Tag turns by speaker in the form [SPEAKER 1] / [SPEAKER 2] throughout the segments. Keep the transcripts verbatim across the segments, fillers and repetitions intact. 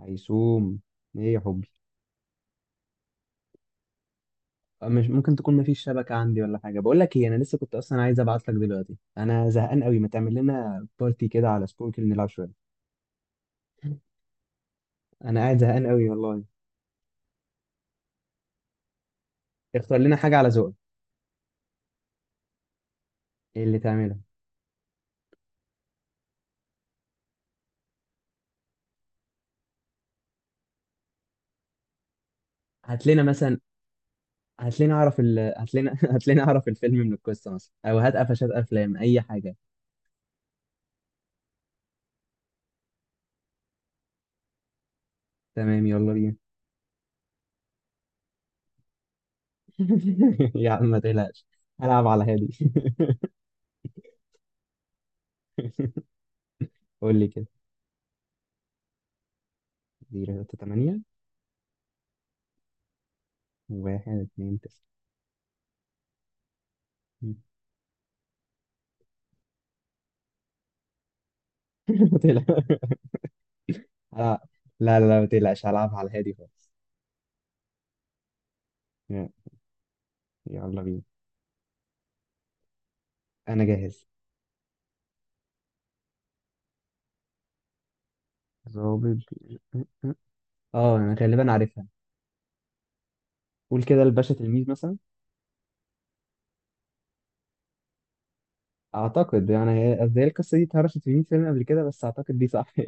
[SPEAKER 1] هيسوم، ايه يا حبي؟ أه، مش ممكن تكون مفيش شبكة عندي ولا حاجة. بقول لك ايه، انا لسه كنت اصلا عايز ابعت لك دلوقتي. انا زهقان قوي، ما تعمل لنا بارتي كده على سبوركل نلعب شوية. انا قاعد زهقان قوي والله. اختار لنا حاجة على ذوقك. ايه اللي تعملها؟ هات لنا مثلا. هات لنا اعرف ال... هات لنا هات لنا اعرف الفيلم من القصة مثلا، او هات قفشات افلام، اي حاجة. تمام، يلا بينا. يا عم ما تقلقش. هلعب على هادي. قول لي كده. صفر تلاتة تمانية. واحد اتنين تسعة. ما تقلقش. اه. لا لا لا، ما تقلقش، هلعبها على الهادي خالص. يا- يلا بينا. انا جاهز. ضابط ب- اه انا غالبا عارفها. قول كده الباشا تلميذ مثلا. اعتقد يعني، هي قصدي هي القصه دي اتهرشت في مية فيلم قبل كده، بس اعتقد دي صح.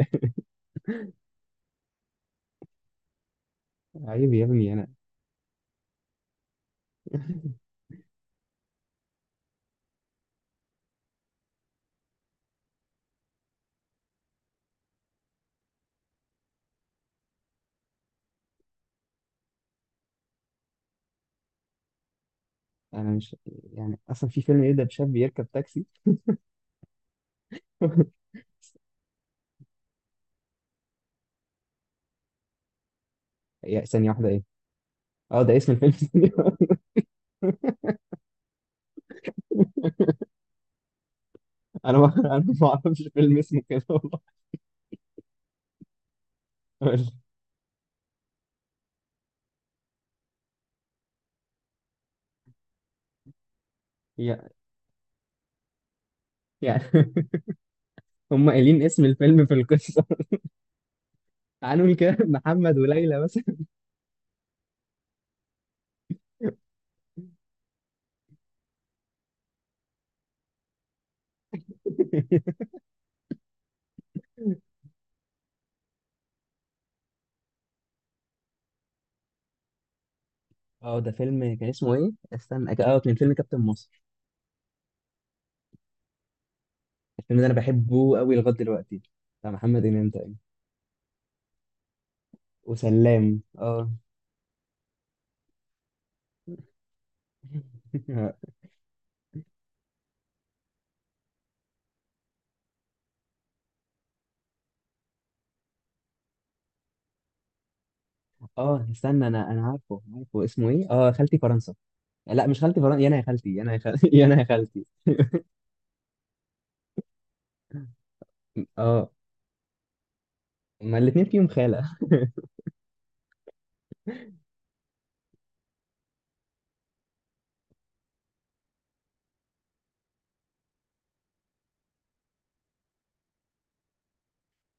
[SPEAKER 1] عيب يا ابني انا. انا مش يعني اصلا في فيلم يبدا بشاب يركب تاكسي؟ يا ثانيه واحده ايه؟ اه ده اسم الفيلم. ثانية واحدة. انا ما انا ما اعرفش فيلم اسمه كده والله. يا- يعني هم قايلين اسم الفيلم في القصه. هنقول كده محمد وليلى مثلا. اه ده فيلم كان اسمه ايه؟ استنى اه كان فيلم كابتن مصر الفيلم ده انا بحبه قوي لغايه دلوقتي بتاع محمد امام تقريبا وسلام اه اه استنى انا انا عارفه عارفه اسمه ايه؟ اه خالتي فرنسا لا مش خالتي فرنسا يا انا يا خالتي يا انا يا خالتي يا انا يا خالتي اه، ما الاثنين فيهم خاله.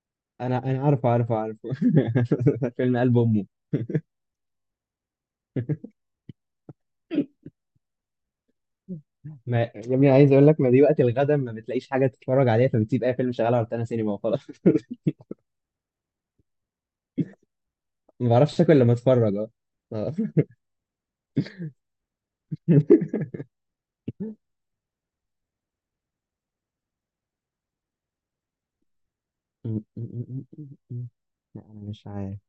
[SPEAKER 1] انا انا عارفه عارفه عارفه. فيلم قلب امه. ما يا ابني عايز اقول لك، ما دي وقت الغدا ما بتلاقيش حاجه تتفرج عليها، فبتسيب اي فيلم شغال على روتانا سينما وخلاص. ما بعرفش اكل لما اتفرج، اه. آه. م- م- م- لا انا مش عارف.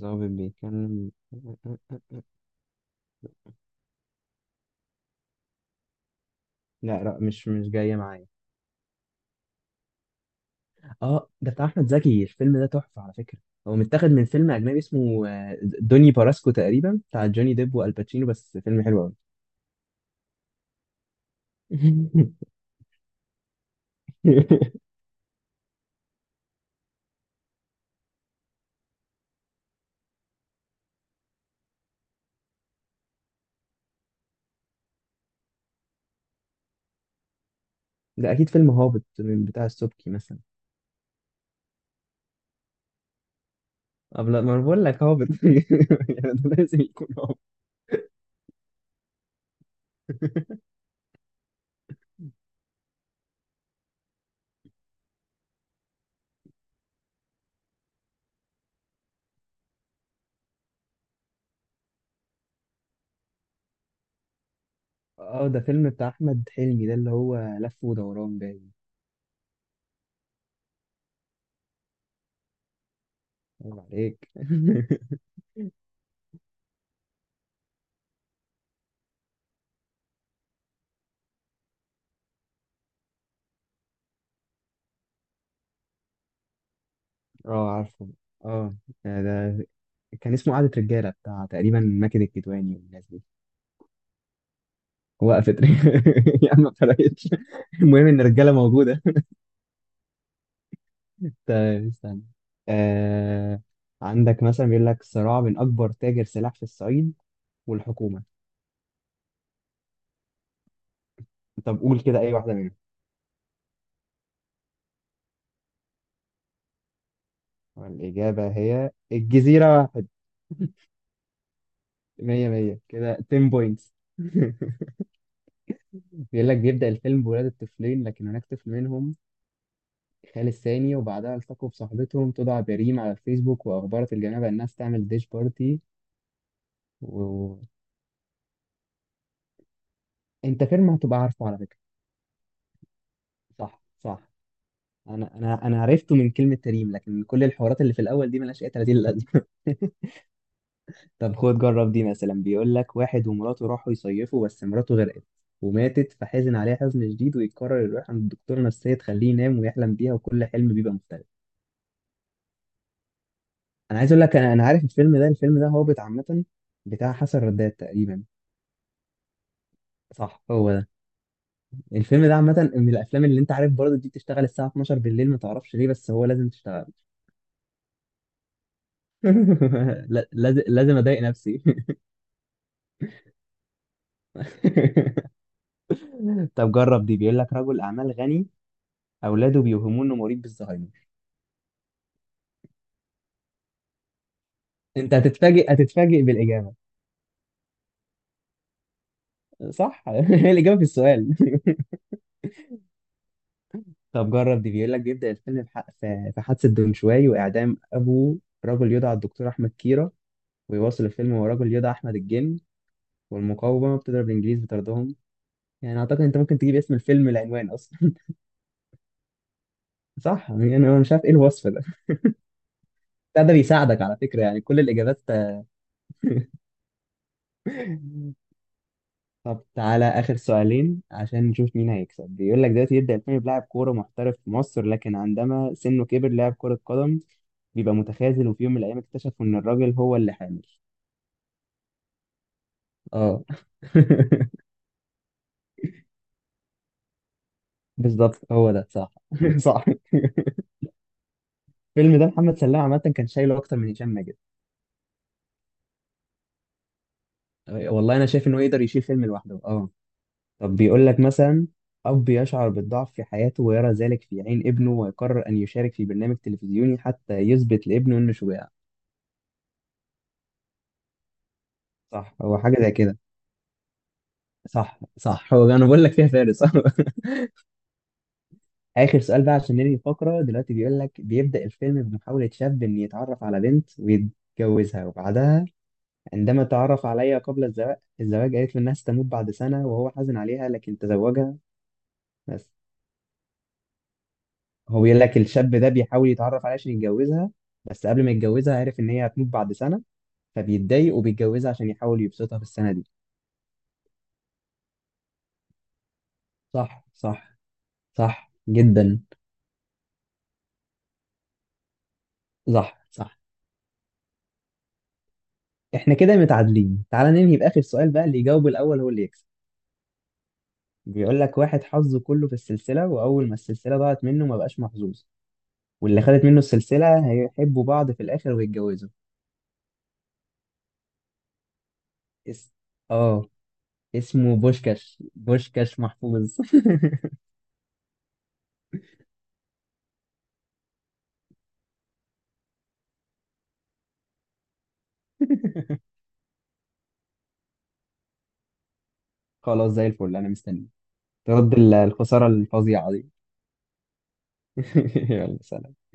[SPEAKER 1] ظابط بيتكلم. لا لا، مش مش جاية معايا. اه ده بتاع احمد زكي، الفيلم ده تحفة على فكرة. هو متاخد من فيلم اجنبي اسمه آه، دوني باراسكو تقريبا، بتاع جوني ديب والباتشينو، بس فيلم حلو قوي. ده اكيد فيلم هابط من بتاع السبكي مثلا. طب لا، ما أنا بقول لك هابط. يعني ده لازم يكون هابط. اه ده فيلم بتاع احمد حلمي، ده اللي هو لف ودوران باين. عيب عليك. اه عارفه. اه ده كان اسمه قعدة رجالة بتاع تقريبا ماكد الكدواني والناس دي. وقفت. يا عم ما فرقتش. المهم ان الرجالة موجودة. طيب استنى. آه... عندك مثلا بيقول لك صراع بين اكبر تاجر سلاح في الصعيد والحكومة. طب قول كده اي واحدة منهم. الإجابة هي الجزيرة واحد. مية مية كده، عشرة بوينتس. بيقول لك بيبدأ الفيلم بولادة طفلين، لكن هناك طفل منهم خال الثاني، وبعدها التقوا بصاحبتهم تدعى بريم على الفيسبوك، وأخبرت الجنابة إنها تعمل ديش بارتي. وأنت، فيلم هتبقى عارفه على فكرة. صح صح. أنا أنا أنا عرفته من كلمة تريم، لكن كل الحوارات اللي في الأول دي ملهاش أي تلاتين لازمة. طب خد جرب دي مثلا. بيقول لك واحد ومراته راحوا يصيفوا، بس مراته غرقت وماتت، فحزن عليها حزن شديد، ويقرر يروح عند دكتور نفسية تخليه ينام ويحلم بيها، وكل حلم بيبقى مختلف. أنا عايز أقول لك، أنا أنا عارف الفيلم ده، الفيلم ده هابط عامة، بتاع حسن رداد تقريبا. صح هو ده. الفيلم ده عامة من الأفلام اللي أنت عارف برضه دي، بتشتغل الساعة اثنا عشر بالليل ما تعرفش ليه، بس هو لازم تشتغل. لا- لازم لازم أضايق نفسي. طب جرب دي. بيقول لك رجل أعمال غني، أولاده بيوهموه إنه مريض بالزهايمر. أنت هتتفاجئ، هتتفاجئ بالإجابة. صح. هي الإجابة في السؤال. طب جرب دي. بيقول لك بيبدأ الفيلم في ح- في- في حادثة دونشواي، وإعدام أبو رجل يدعى الدكتور أحمد كيرة، ويواصل الفيلم هو رجل يدعى أحمد الجن، والمقاومة بتضرب الإنجليز بطردهم. يعني اعتقد انت ممكن تجيب اسم الفيلم، العنوان اصلا. صح، يعني انا مش عارف ايه الوصف ده بتاع ده، بيساعدك على فكرة، يعني كل الاجابات. طب تعالى آخر سؤالين عشان نشوف مين هيكسب. بيقول لك دلوقتي يبدأ الفيلم بلاعب كورة محترف في مصر، لكن عندما سنه كبر لاعب كرة قدم بيبقى متخاذل، وفي يوم من الأيام اكتشفوا إن الراجل هو اللي حامل. اه. بالظبط، هو ده صح. صح. الفيلم ده محمد سلام عامة كان شايله أكتر من هشام ماجد. والله أنا شايف إنه يقدر يشيل فيلم لوحده، اه. طب بيقول لك مثلا، أب يشعر بالضعف في حياته، ويرى ذلك في عين ابنه، ويقرر أن يشارك في برنامج تلفزيوني حتى يثبت لابنه إنه شجاع. صح، هو حاجة زي كده. صح صح، هو أنا بقول لك فيها فارس. صح. آخر سؤال بقى عشان ننهي الفقرة دلوقتي. بيقول لك بيبدأ الفيلم بمحاولة شاب إن يتعرف على بنت ويتجوزها، وبعدها عندما تعرف عليها قبل الزواج، الزواج قالت له إنها ستموت بعد سنة، وهو حزن عليها لكن تزوجها. بس هو بيقول لك الشاب ده بيحاول يتعرف عليها عشان يتجوزها، بس قبل ما يتجوزها عارف ان هي هتموت بعد سنة، فبيتضايق وبيتجوزها عشان يحاول يبسطها في السنة دي. صح صح. صح جدا. صح صح. احنا كده متعادلين. تعال ننهي بآخر سؤال بقى، اللي يجاوب الأول هو اللي يكسب. بيقول لك واحد حظه كله في السلسلة، وأول ما السلسلة ضاعت منه ما بقاش محظوظ، واللي خدت منه السلسلة هيحبوا بعض في الآخر ويتجوزوا. اس... اه، اسمه بوشكاش، بوشكاش محفوظ. خلاص زي الفل، أنا مستني ترد ال- الخسارة الفظيعة دي. يلا سلام.